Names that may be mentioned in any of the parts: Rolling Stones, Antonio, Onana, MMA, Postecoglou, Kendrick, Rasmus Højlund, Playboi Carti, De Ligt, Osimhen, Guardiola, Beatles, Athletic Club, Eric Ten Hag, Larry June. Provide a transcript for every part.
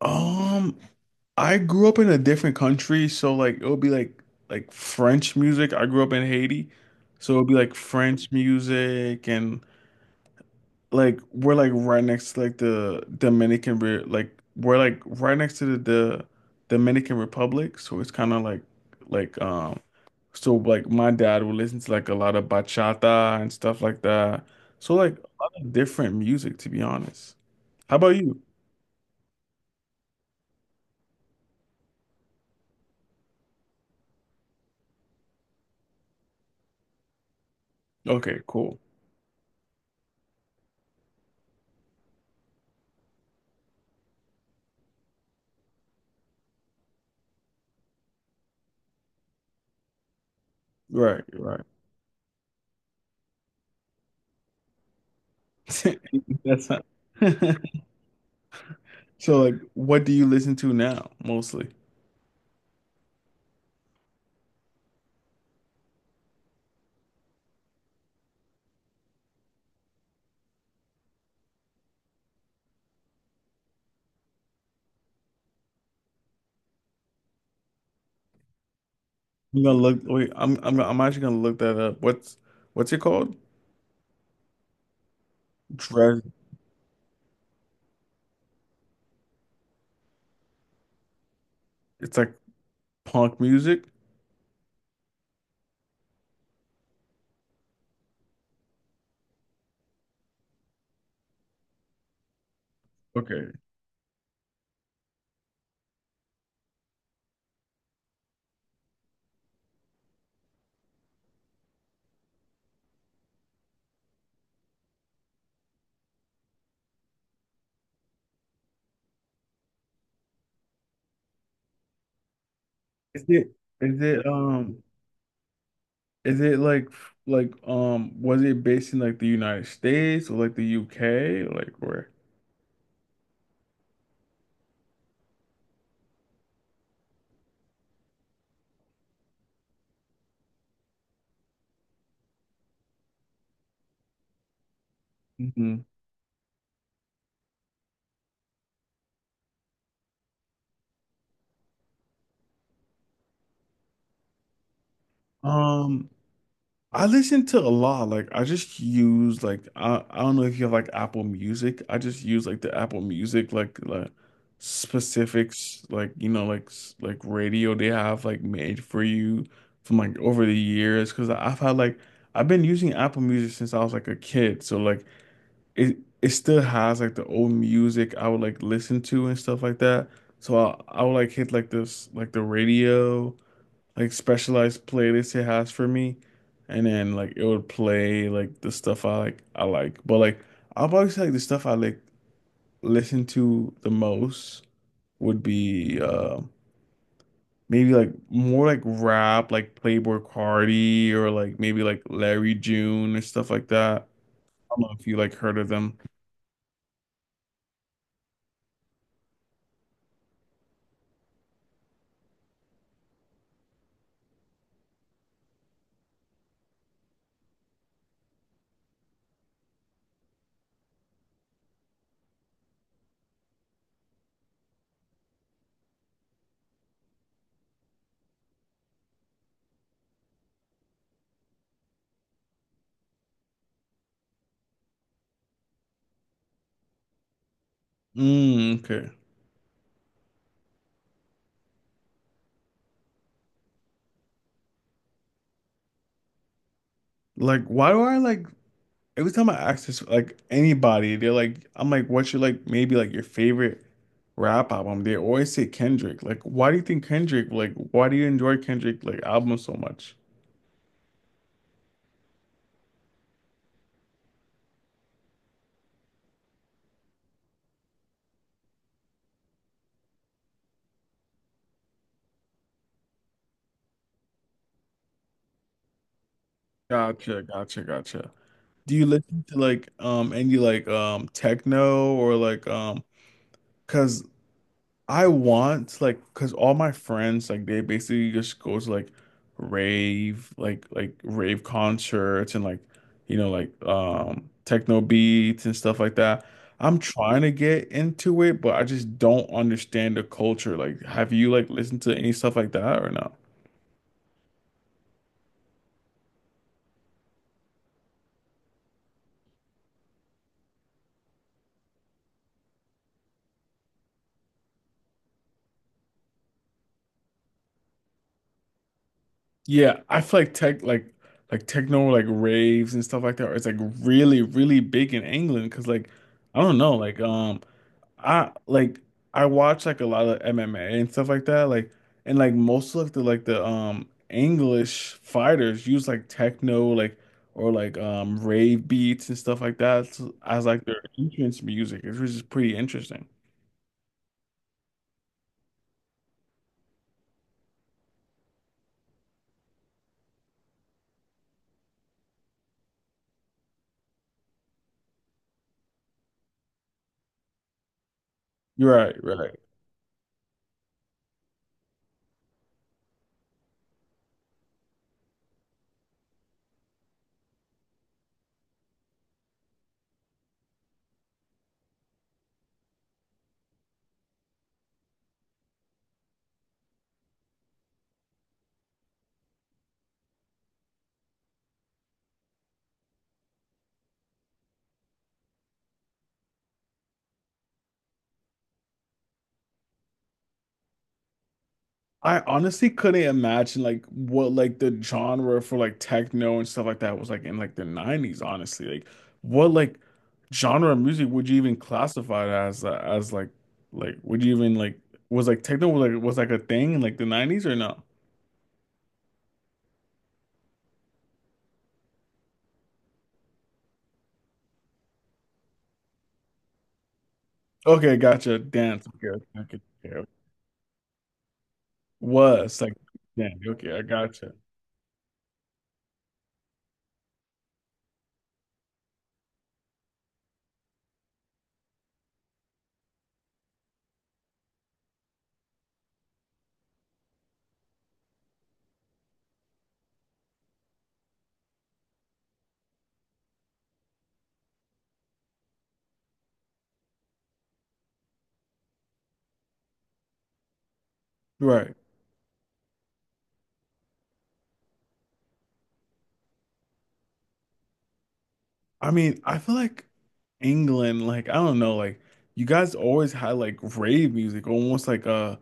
Um, I grew up in a different country, so like it would be like French music. I grew up in Haiti, so it would be like French music and like we're like right next to like the Dominican Re like we're like right next to the Dominican Republic, so it's kind of like so like my dad would listen to like a lot of bachata and stuff like that. So like a lot of different music, to be honest. How about you? Okay, cool. Right, right. That's not. So like, what do you listen to now mostly? I'm gonna look wait, I'm actually gonna look that up. What's it called? Dres it's like punk music. Okay. Is it is it um is it like was it based in like the United States or like the UK? Like where? Mhm. Um I listen to a lot. Like I just use like I don't know if you have like Apple Music. I just use like the Apple Music like specifics like you know like like radio they have like made for you from like over the years because I've had like I've been using Apple Music since I was like a kid. So like it still has like the old music I would like listen to and stuff like that. So I would like hit like this like the radio like specialized playlists it has for me, and then like it would play like the stuff I like. But like I'll probably say like the stuff I like listen to the most would be maybe like more like rap, like Playboi Carti or like maybe like Larry June or stuff like that. I don't know if you like heard of them. Mm, okay. Like why do I like Every time I ask this, like anybody, they're like, I'm like, what's your like maybe like your favorite rap album? They always say Kendrick. Like, why do you think Kendrick? Like, why do you enjoy Kendrick like album so much? Gotcha, gotcha, gotcha. Do you listen to like any like techno or like because I want like because all my friends like they basically just go to like rave concerts and like you know like techno beats and stuff like that. I'm trying to get into it, but I just don't understand the culture. Like, have you like listened to any stuff like that or no? Yeah, I feel like techno like raves and stuff like that. It's like really big in England because like I don't know like. I like I watch like a lot of MMA and stuff like that. Like and like most of the English fighters use like techno like or like rave beats and stuff like that as like their entrance music, which is pretty interesting. You're right, right. I honestly couldn't imagine like what like the genre for like techno and stuff like that was like in like the 90s, honestly. Like what like genre of music would you even classify it as would you even like was like techno like was like a thing in like the 90s or no? Okay, gotcha. Dance. Okay, okay, okay. Okay. Okay. Was like dance. Okay, I gotcha. Right. I mean, I feel like England, like I don't know, like you guys always had like rave music, almost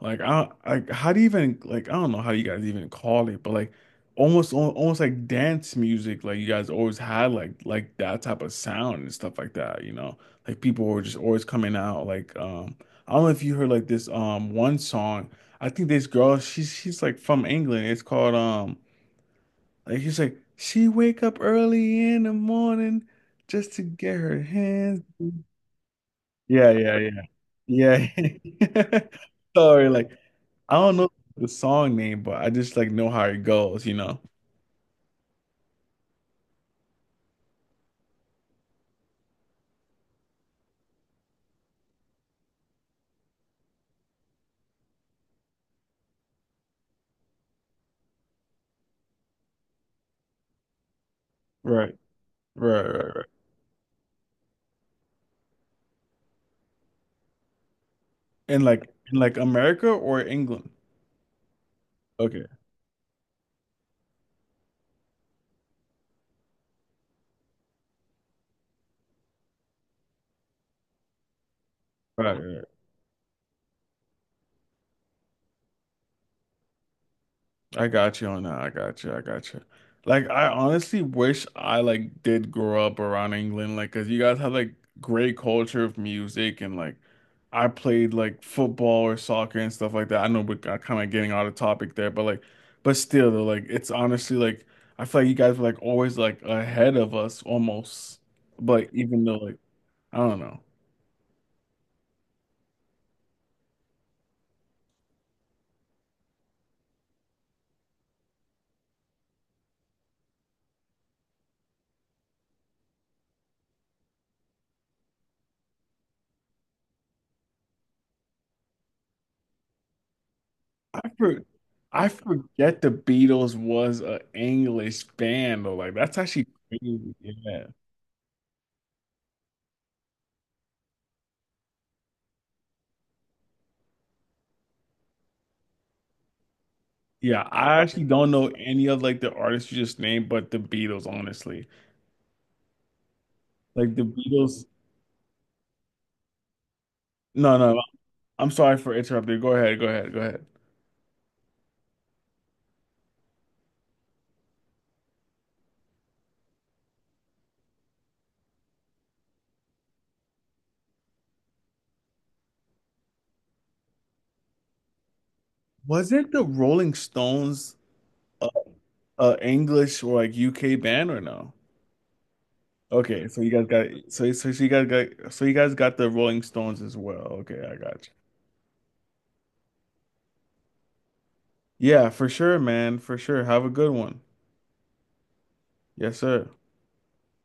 like I like how do you even I don't know how you guys even call it, but like almost like dance music, like you guys always had like that type of sound and stuff like that, you know, like people were just always coming out like I don't know if you heard like this one song. I think this girl she's like from England, it's called. Like he's like, she wake up early in the morning just to get her hands. Yeah, yeah, yeah. Yeah. Sorry, like I don't know the song name, but I just like know how it goes, you know? Right, right, right, right. In like America or England? Okay. Right, right. I got you on that. I got you. I got you. Like I honestly wish I like did grow up around England, like because you guys have like great culture of music and like I played like football or soccer and stuff like that. I know we're kind of getting out of topic there, but still though, like it's honestly like I feel like you guys were like always like ahead of us almost, but even though like I don't know. I for, I forget the Beatles was a English band though. Like that's actually crazy. Yeah. Yeah, I actually don't know any of like the artists you just named, but the Beatles, honestly. Like the Beatles. No, no, I'm sorry for interrupting. Go ahead, go ahead, go ahead. Wasn't the Rolling Stones a, a English or like UK band or no? Okay, so you guys got the Rolling Stones as well. Okay, I got you. Yeah, for sure, man, for sure. Have a good one. Yes, sir.